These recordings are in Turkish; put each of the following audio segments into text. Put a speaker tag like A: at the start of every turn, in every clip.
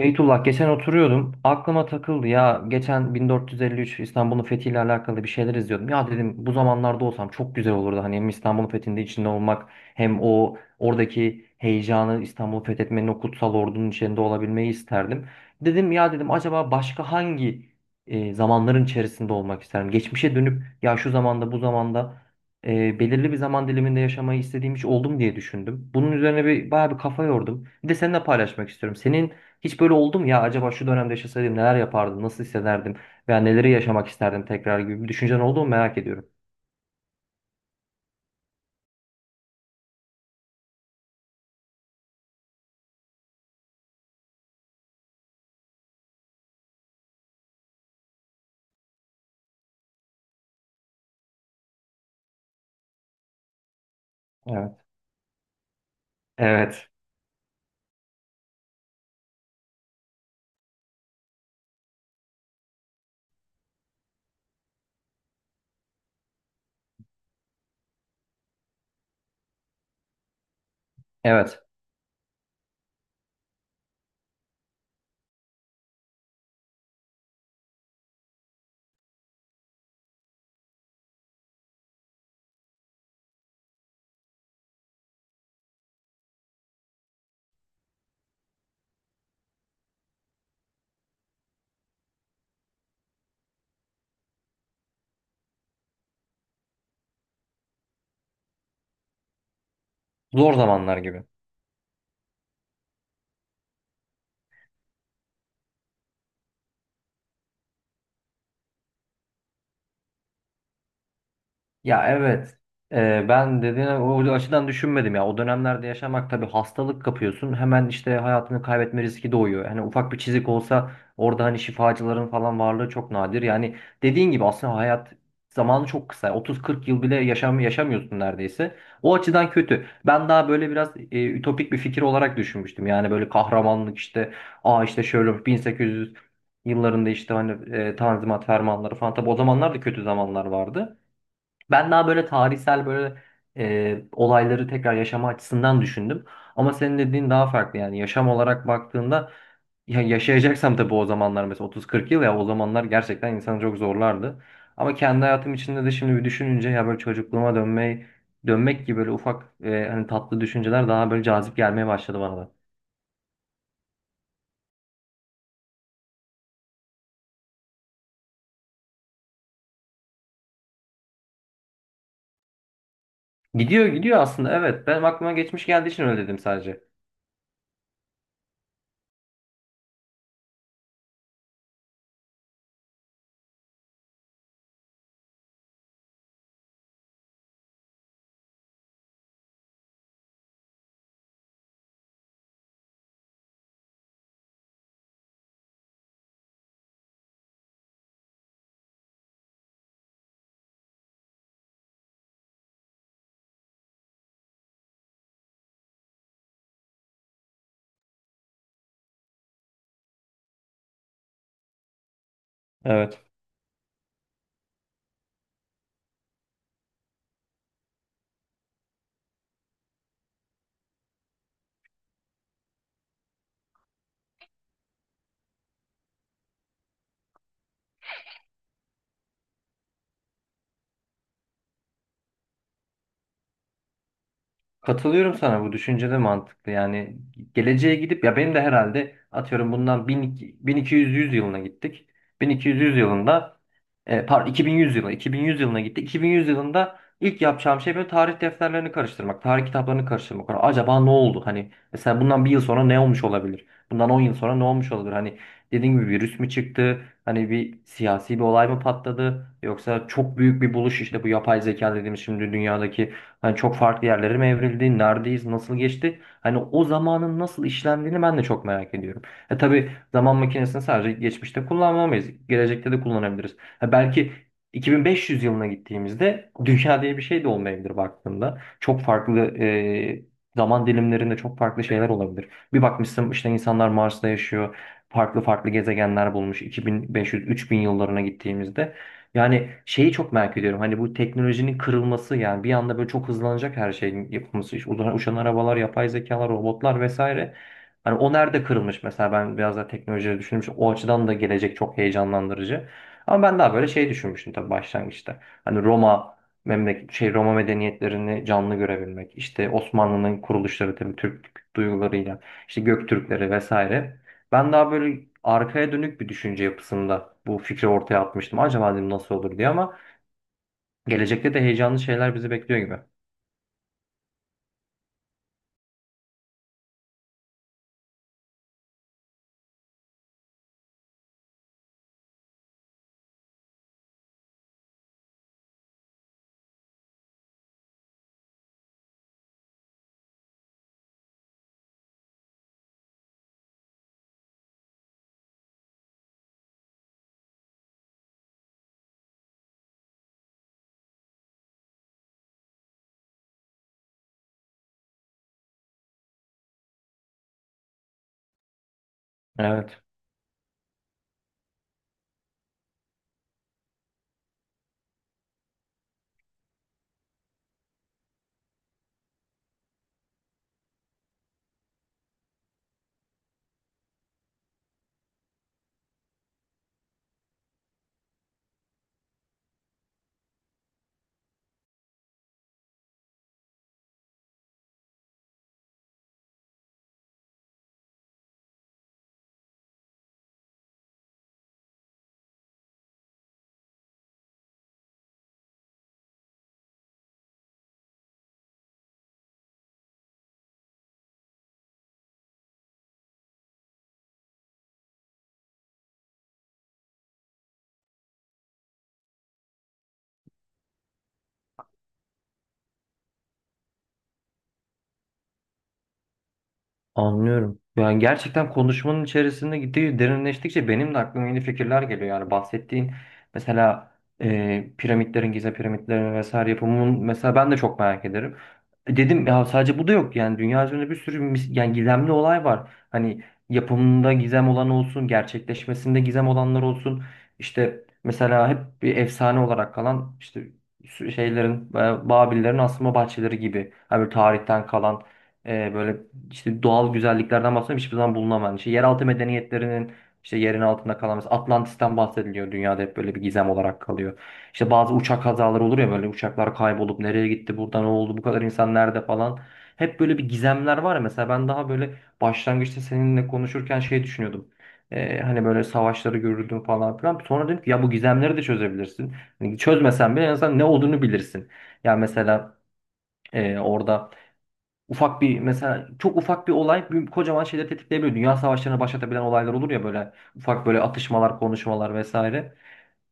A: Beytullah geçen oturuyordum. Aklıma takıldı ya. Geçen 1453 İstanbul'un fethiyle alakalı bir şeyler izliyordum. Ya dedim bu zamanlarda olsam çok güzel olurdu. Hani hem İstanbul'un fethinde içinde olmak hem o oradaki heyecanı İstanbul'u fethetmenin o kutsal ordunun içinde olabilmeyi isterdim. Dedim ya dedim acaba başka hangi zamanların içerisinde olmak isterdim? Geçmişe dönüp ya şu zamanda bu zamanda belirli bir zaman diliminde yaşamayı istediğim hiç oldum diye düşündüm. Bunun üzerine bir bayağı bir kafa yordum. Bir de seninle paylaşmak istiyorum. Senin hiç böyle oldum ya acaba şu dönemde yaşasaydım neler yapardım, nasıl hissederdim veya neleri yaşamak isterdim tekrar gibi bir düşüncen oldu mu merak ediyorum. Evet. Evet. Evet. Zor zamanlar gibi. Ya evet. Ben dediğine o açıdan düşünmedim ya. O dönemlerde yaşamak tabii hastalık kapıyorsun. Hemen işte hayatını kaybetme riski doğuyor. Hani ufak bir çizik olsa orada hani şifacıların falan varlığı çok nadir. Yani dediğin gibi aslında hayat zamanı çok kısa. 30-40 yıl bile yaşam yaşamıyorsun neredeyse. O açıdan kötü. Ben daha böyle biraz ütopik bir fikir olarak düşünmüştüm. Yani böyle kahramanlık işte işte şöyle 1800 yıllarında işte hani Tanzimat fermanları falan. Tabii o zamanlar da kötü zamanlar vardı. Ben daha böyle tarihsel böyle olayları tekrar yaşama açısından düşündüm. Ama senin dediğin daha farklı yani yaşam olarak baktığında ya yaşayacaksam tabii o zamanlar mesela 30-40 yıl ya o zamanlar gerçekten insanı çok zorlardı. Ama kendi hayatım içinde de şimdi bir düşününce ya böyle çocukluğuma dönmek gibi böyle ufak hani tatlı düşünceler daha böyle cazip gelmeye başladı bana da. Gidiyor gidiyor aslında evet. Benim aklıma geçmiş geldiği için öyle dedim sadece. Evet. Katılıyorum sana bu düşünce de mantıklı. Yani geleceğe gidip ya benim de herhalde atıyorum bundan 1200 yılına gittik. 1200 yılında e, pardon 2100 yılına 2100 yılına gittik. 2100 yılında ilk yapacağım şey böyle tarih defterlerini karıştırmak, tarih kitaplarını karıştırmak. Yani acaba ne oldu? Hani mesela bundan bir yıl sonra ne olmuş olabilir? Bundan 10 yıl sonra ne olmuş olabilir? Hani dediğim gibi virüs mü çıktı? Hani bir siyasi bir olay mı patladı? Yoksa çok büyük bir buluş işte bu yapay zeka dediğimiz şimdi dünyadaki hani çok farklı yerlere mi evrildi? Neredeyiz? Nasıl geçti? Hani o zamanın nasıl işlendiğini ben de çok merak ediyorum. E tabii zaman makinesini sadece geçmişte kullanmamayız, gelecekte de kullanabiliriz. Ha belki 2500 yılına gittiğimizde dünya diye bir şey de olmayabilir baktığında. Çok farklı zaman dilimlerinde çok farklı şeyler olabilir. Bir bakmışsın işte insanlar Mars'ta yaşıyor. Farklı farklı gezegenler bulmuş. 2500-3000 yıllarına gittiğimizde. Yani şeyi çok merak ediyorum. Hani bu teknolojinin kırılması yani bir anda böyle çok hızlanacak her şeyin yapılması. İşte uçan arabalar, yapay zekalar, robotlar vesaire. Hani o nerede kırılmış mesela ben biraz da teknolojiyi düşünmüşüm. O açıdan da gelecek çok heyecanlandırıcı. Ama ben daha böyle şey düşünmüştüm tabii başlangıçta. Hani Roma memleket şey Roma medeniyetlerini canlı görebilmek. İşte Osmanlı'nın kuruluşları tabii Türk duygularıyla, işte Göktürkleri vesaire. Ben daha böyle arkaya dönük bir düşünce yapısında bu fikri ortaya atmıştım. Acaba dedim nasıl olur diye ama gelecekte de heyecanlı şeyler bizi bekliyor gibi. Evet. Anlıyorum. Yani gerçekten konuşmanın içerisinde gittiği derinleştikçe benim de aklıma yeni fikirler geliyor. Yani bahsettiğin mesela piramitlerin, Gize piramitlerin vesaire yapımının mesela ben de çok merak ederim. Dedim ya sadece bu da yok. Yani dünya üzerinde bir sürü yani gizemli olay var. Hani yapımında gizem olan olsun, gerçekleşmesinde gizem olanlar olsun. İşte mesela hep bir efsane olarak kalan işte şeylerin, Babillerin asma bahçeleri gibi. Hani böyle tarihten kalan e, böyle işte doğal güzelliklerden bahsediyorum hiçbir zaman bulunamayan. İşte yeraltı medeniyetlerinin işte yerin altında kalan mesela Atlantis'ten bahsediliyor dünyada hep böyle bir gizem olarak kalıyor. İşte bazı uçak kazaları olur ya böyle uçaklar kaybolup nereye gitti burada ne oldu bu kadar insan nerede falan. Hep böyle bir gizemler var ya mesela ben daha böyle başlangıçta seninle konuşurken şey düşünüyordum. Hani böyle savaşları görürdüm falan filan. Sonra dedim ki ya bu gizemleri de çözebilirsin. Hani çözmesen bile en azından ne olduğunu bilirsin. Ya mesela orada ufak bir mesela çok ufak bir olay kocaman şeyleri tetikleyebiliyor. Dünya savaşlarını başlatabilen olaylar olur ya böyle ufak böyle atışmalar, konuşmalar vesaire.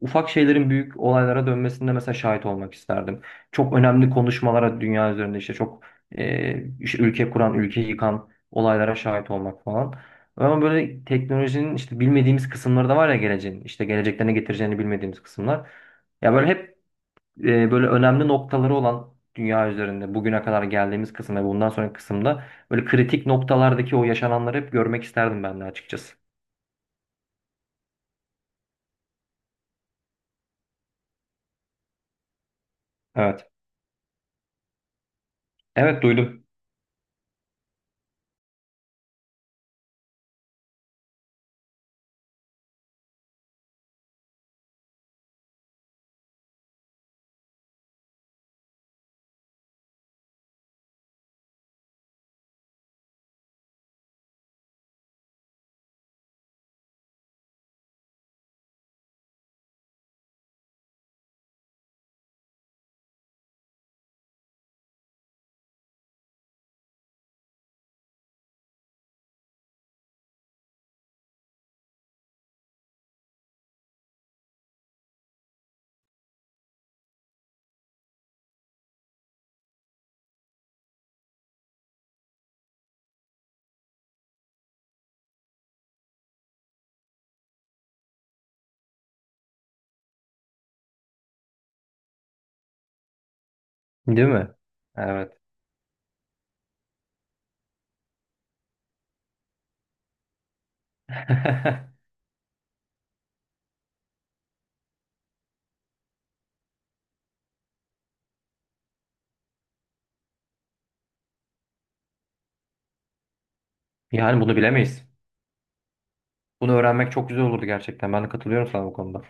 A: Ufak şeylerin büyük olaylara dönmesinde mesela şahit olmak isterdim. Çok önemli konuşmalara dünya üzerinde işte çok işte ülke kuran, ülke yıkan olaylara şahit olmak falan. Ama böyle teknolojinin işte bilmediğimiz kısımları da var ya geleceğin. İşte gelecekte ne getireceğini bilmediğimiz kısımlar. Ya böyle hep e, böyle önemli noktaları olan dünya üzerinde bugüne kadar geldiğimiz kısımda ve bundan sonraki kısımda böyle kritik noktalardaki o yaşananları hep görmek isterdim ben de açıkçası. Evet. Evet duydum. Değil mi? Evet. Yani bunu bilemeyiz. Bunu öğrenmek çok güzel olurdu gerçekten. Ben de katılıyorum sana bu konuda.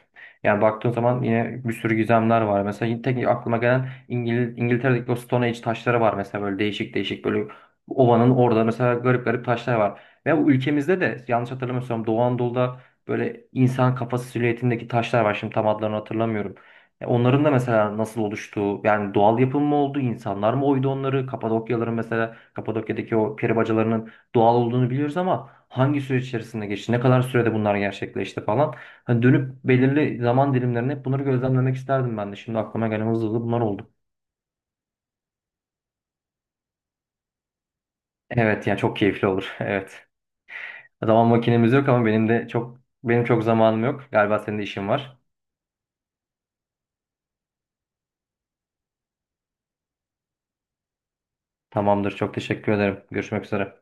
A: Yani baktığın zaman yine bir sürü gizemler var. Mesela yine tek aklıma gelen İngiltere'deki o Stone Age taşları var. Mesela böyle değişik değişik böyle ovanın orada mesela garip garip taşlar var. Ve bu ülkemizde de yanlış hatırlamıyorsam Doğu Anadolu'da böyle insan kafası silüetindeki taşlar var. Şimdi tam adlarını hatırlamıyorum. Ya onların da mesela nasıl oluştuğu, yani doğal yapım mı oldu, insanlar mı oydu onları? Kapadokyaların mesela, Kapadokya'daki o peri bacalarının doğal olduğunu biliyoruz ama hangi süreç içerisinde geçti, ne kadar sürede bunlar gerçekleşti falan. Hani dönüp belirli zaman dilimlerine hep bunları gözlemlemek isterdim ben de. Şimdi aklıma gelen hızlı hızlı bunlar oldu. Evet yani çok keyifli olur. Evet. Zaman makinemiz yok ama benim çok zamanım yok. Galiba senin de işin var. Tamamdır. Çok teşekkür ederim. Görüşmek üzere.